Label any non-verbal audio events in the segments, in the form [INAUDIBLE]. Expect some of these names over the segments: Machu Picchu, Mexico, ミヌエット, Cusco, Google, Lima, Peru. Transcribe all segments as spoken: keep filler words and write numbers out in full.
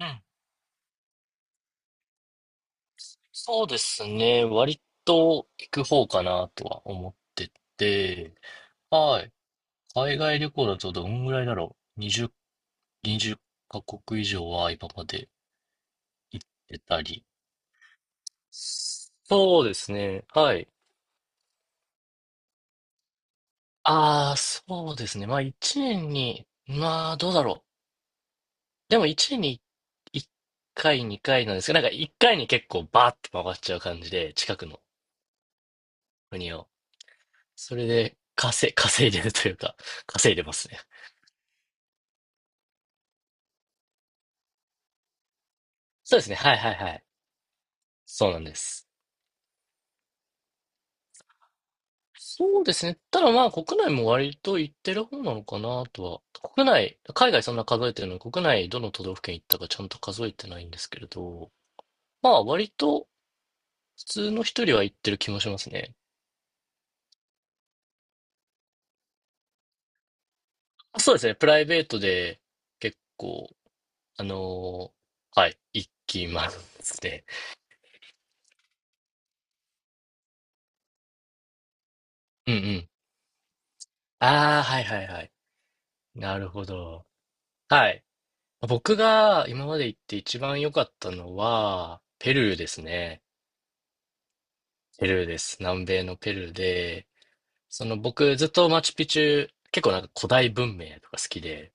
うん。そうですね。割と行く方かなとは思ってて。はい。海外旅行だとどんぐらいだろう。にじゅう、にじゅうカ国以上は今まで行ってたり。そうですね。はい。ああ、そうですね。まあいちねんに、まあどうだろう。でもいちねんにいっかい、にかいなんですけど、なんかいっかいに結構バーって回っちゃう感じで、近くの国を。それで稼い、稼いでるというか、稼いでますね。そうですね。はいはいはい。そうなんです。そうですね。ただまあ国内も割と行ってる方なのかなとは。国内、海外そんな数えてるのに、国内どの都道府県行ったかちゃんと数えてないんですけれど、まあ割と普通の人よりは行ってる気もしますね。あ、そうですね。プライベートで結構、あのーはい、行きますね。うんうん。ああ、はいはいはい。なるほど。はい。僕が今まで行って一番良かったのは、ペルーですね。ペルーです。南米のペルーで、その僕ずっとマチュピチュ、結構なんか古代文明とか好きで、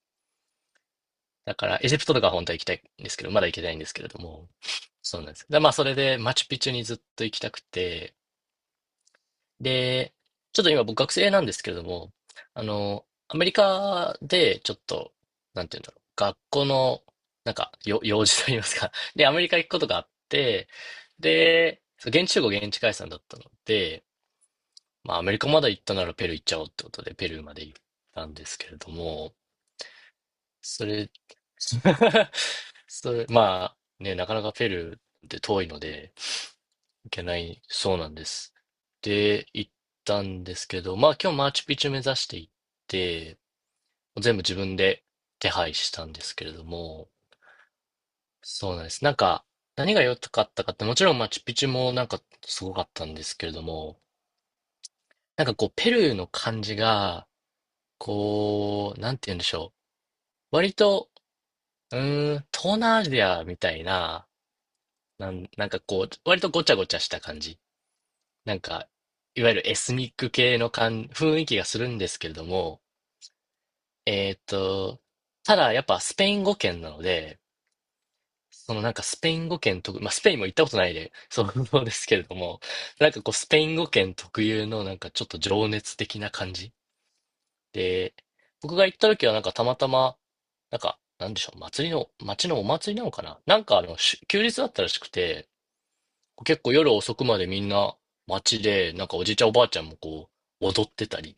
だからエジプトとか本当は行きたいんですけど、まだ行けてないんですけれども、そうなんです。で、まあそれでマチュピチュにずっと行きたくて、で、ちょっと今僕学生なんですけれども、あの、アメリカでちょっと、なんて言うんだろう、学校の、なんか、よ、用事と言いますか。で、アメリカ行くことがあって、で、そう現地集合現地解散だったので、まあ、アメリカまで行ったならペルー行っちゃおうってことで、ペルーまで行ったんですけれども、それ、[LAUGHS] それ、まあ、ね、なかなかペルーって遠いので、行けないそうなんです。で、行ったんですけど、まあ今日マーチュピチュ目指して行って、全部自分で手配したんですけれども、そうなんです。なんか、何が良かったかって、もちろんマーチュピチュもなんかすごかったんですけれども、なんかこう、ペルーの感じが、こう、なんて言うんでしょう。割と、うーん、東南アジアみたいな、なん、なんかこう、割とごちゃごちゃした感じ。なんか、いわゆるエスニック系の感、雰囲気がするんですけれども、えーっと、ただやっぱスペイン語圏なので、そのなんかスペイン語圏特、まあスペインも行ったことないで、そう [LAUGHS] そうですけれども、なんかこうスペイン語圏特有のなんかちょっと情熱的な感じで、僕が行った時はなんかたまたま、なんか、なんでしょう、祭りの、町のお祭りなのかななんかあの、し休日だったらしくて、結構夜遅くまでみんな街で、なんかおじいちゃんおばあちゃんもこう、踊ってたり。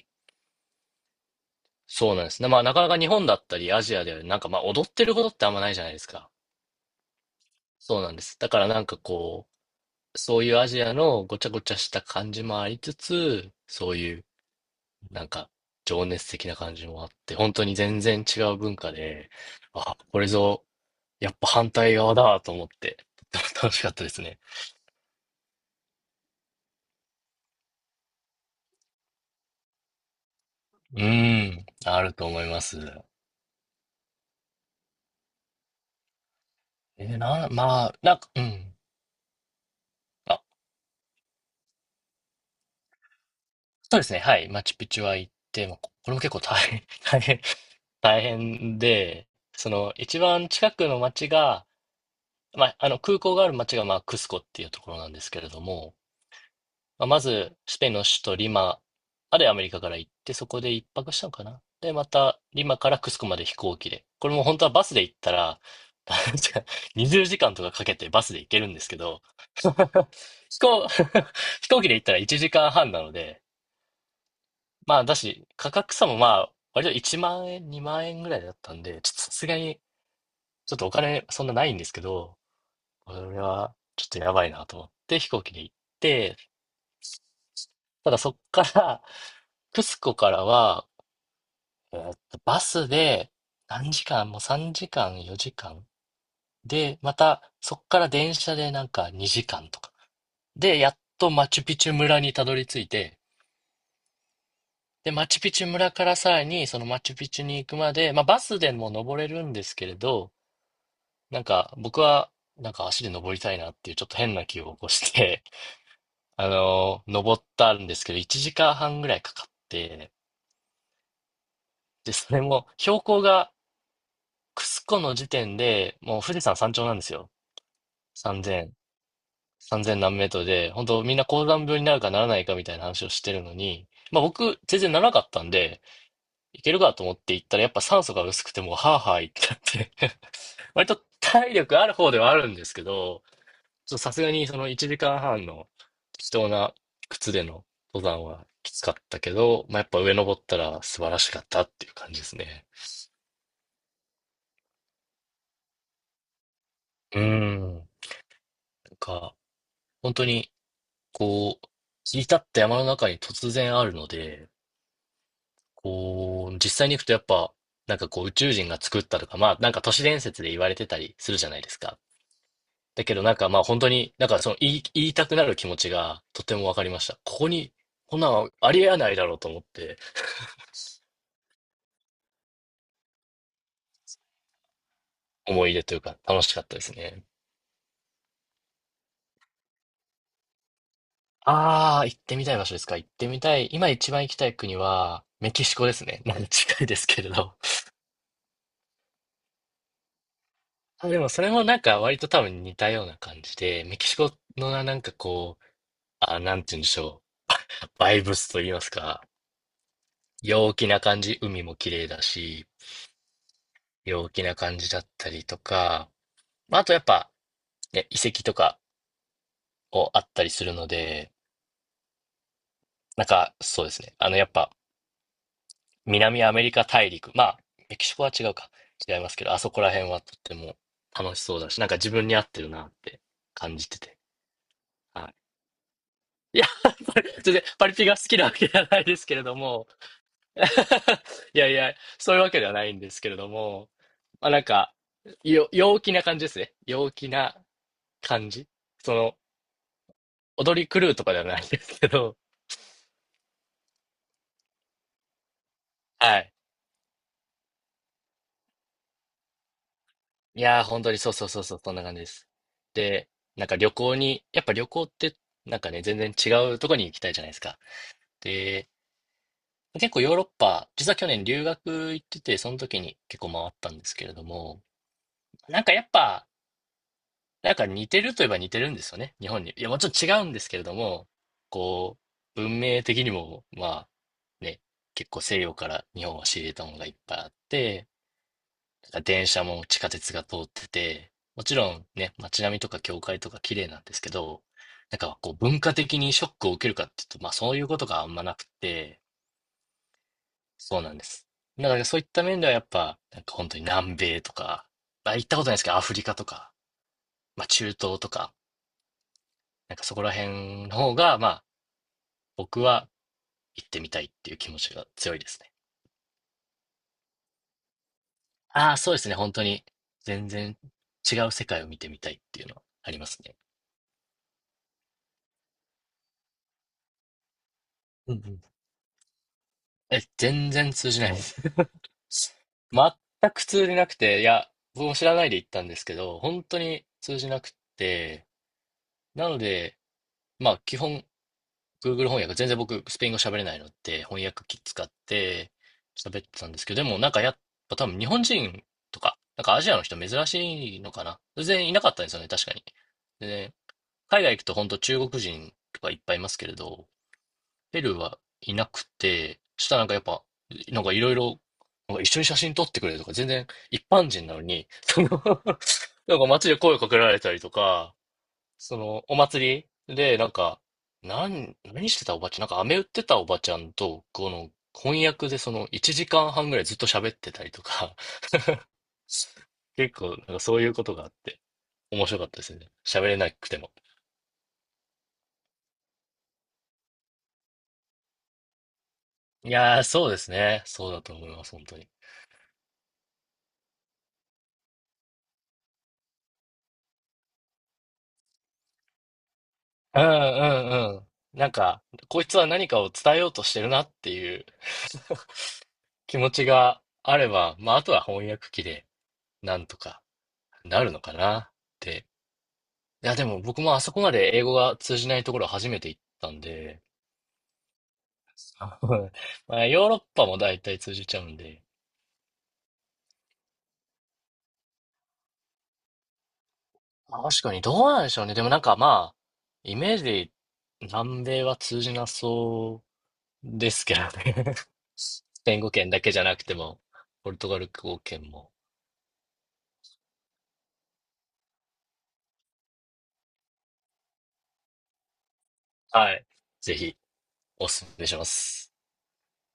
そうなんですね。まあなかなか日本だったりアジアではなんかまあ踊ってることってあんまないじゃないですか。そうなんです。だからなんかこう、そういうアジアのごちゃごちゃした感じもありつつ、そういうなんか情熱的な感じもあって、本当に全然違う文化で、あ、これぞ、やっぱ反対側だと思って、[LAUGHS] とっても楽しかったですね。うん、あると思います。えーな、まあ、なんか、うん。あ、そうですね。はい。マチュピチュは行って、まあここれも結構大変、[LAUGHS] 大変、大変で、その、一番近くの町が、まあ、あの、空港がある町が、まあ、クスコっていうところなんですけれども、まあ、まず、スペインの首都リマまでアメリカから行って、そこで一泊したのかな。で、また、リマからクスコまで飛行機で。これも本当はバスで行ったら、[LAUGHS] 確かにじゅうじかんとかかけてバスで行けるんですけど、[LAUGHS] 飛行、[LAUGHS] 飛行機で行ったらいちじかんはんなので、まあ、だし、価格差もまあ、割といちまん円、にまん円ぐらいだったんで、ちょっとさすがに、ちょっとお金そんなないんですけど、これはちょっとやばいなと思って飛行機で行って、ただそっから、[LAUGHS] クスコからは、えーっと、バスで何時間、もうさんじかん、よじかん。で、またそっから電車でなんかにじかんとか。で、やっとマチュピチュ村にたどり着いて、で、マチュピチュ村からさらにそのマチュピチュに行くまで、まあバスでも登れるんですけれど、なんか僕はなんか足で登りたいなっていうちょっと変な気を起こして、[LAUGHS] あのー登ったんですけど、いちじかんはんぐらいかかって、で、それも標高がクスコの時点で、もう富士山山頂なんですよ。さんぜん、さんぜん何メートルで、本当みんな高山病になるかならないかみたいな話をしてるのに、まあ僕、全然ならなかったんで、いけるかと思って行ったら、やっぱ酸素が薄くてもう、はぁはぁ言ってなって [LAUGHS] 割と体力ある方ではあるんですけど、ちょっとさすがにそのいちじかんはんの適当な靴での登山はきつかったけど、まあやっぱ上登ったら素晴らしかったっていう感じですね。うん。なんか、本当に、こう、切り立った山の中に突然あるので、こう、実際に行くとやっぱ、なんかこう宇宙人が作ったとか、まあなんか都市伝説で言われてたりするじゃないですか。だけどなんかまあ本当に、なんかその言い、言いたくなる気持ちがとてもわかりました。ここに、こんなのありえないだろうと思って思い出というか楽しかったですね。ああ、行ってみたい場所ですか。行ってみたい。今一番行きたい国はメキシコですね。[LAUGHS] 近いですけれど。あ、でもそれもなんか割と多分似たような感じで、メキシコのななんかこう、あ、なんて言うんでしょう。バイブスと言いますか。陽気な感じ、海も綺麗だし、陽気な感じだったりとか、まああとやっぱ、ね、遺跡とかをあったりするので、なんかそうですね。あのやっぱ南アメリカ大陸、まあメキシコは違うか、違いますけど、あそこら辺はとっても楽しそうだし、なんか自分に合ってるなって感じてて。はい、いや、パリ全然パリピが好きなわけじゃないですけれども、[LAUGHS] いやいや、そういうわけではないんですけれども、まあなんか、よ、陽気な感じですね。陽気な感じ。その、踊り狂うとかではないんですけど、はい。いやー、本当にそうそうそうそう、そんな感じです。で、なんか旅行に、やっぱ旅行って、なんかね、全然違うとこに行きたいじゃないですか。で、結構ヨーロッパ、実は去年留学行ってて、その時に結構回ったんですけれども、なんかやっぱ、なんか似てるといえば似てるんですよね、日本に。いや、もちろん違うんですけれども、こう、文明的にも、まあ、ね、結構西洋から日本は仕入れたものがいっぱいあって、なんか電車も地下鉄が通ってて、もちろんね、街並みとか教会とか綺麗なんですけど、なんかこう文化的にショックを受けるかっていうと、まあそういうことがあんまなくて、そうなんです。だからそういった面ではやっぱ、なんか本当に南米とか、まあ行ったことないですけど、アフリカとか、まあ中東とか、なんかそこら辺の方が、まあ、僕は行ってみたいっていう気持ちが強いですね。ああ、そうですね。本当に、全然違う世界を見てみたいっていうのはありますね。うんうん。え、全然通じないです。[LAUGHS] 全く通じなくて、いや、僕も知らないで行ったんですけど、本当に通じなくて、なので、まあ、基本 Google 翻訳、全然僕、スペイン語喋れないので、翻訳機使って喋ってたんですけど、でもなんかやっぱ多分日本人とか、なんかアジアの人珍しいのかな。全然いなかったんですよね、確かに。でね、海外行くと本当中国人とかいっぱいいますけれど、ペルーはいなくて、そしたらなんかやっぱ、なんかいろいろ、なんか一緒に写真撮ってくれるとか、全然一般人なのに、その [LAUGHS] なんか街で声かけられたりとか、その、お祭りで、なんか、何、何してたおばちゃん、なんか飴売ってたおばちゃんと、この、翻訳でその、いちじかんはんぐらいずっと喋ってたりとか、[LAUGHS] 結構、なんかそういうことがあって、面白かったですね。喋れなくても。いやー、そうですね。そうだと思います、本当に。うんうんうん。なんか、こいつは何かを伝えようとしてるなっていう気持ちがあれば、まあ、あとは翻訳機で、なんとかなるのかなって。いや、でも僕もあそこまで英語が通じないところ初めて行ったんで、あの [LAUGHS] まあ、ヨーロッパも大体通じちゃうんで、まあ確かにどうなんでしょうね。でもなんかまあ、イメージで南米は通じなそうですけどね。[LAUGHS] スペイン語圏だけじゃなくても、ポルトガル語圏も。はい。ぜひおすすめします。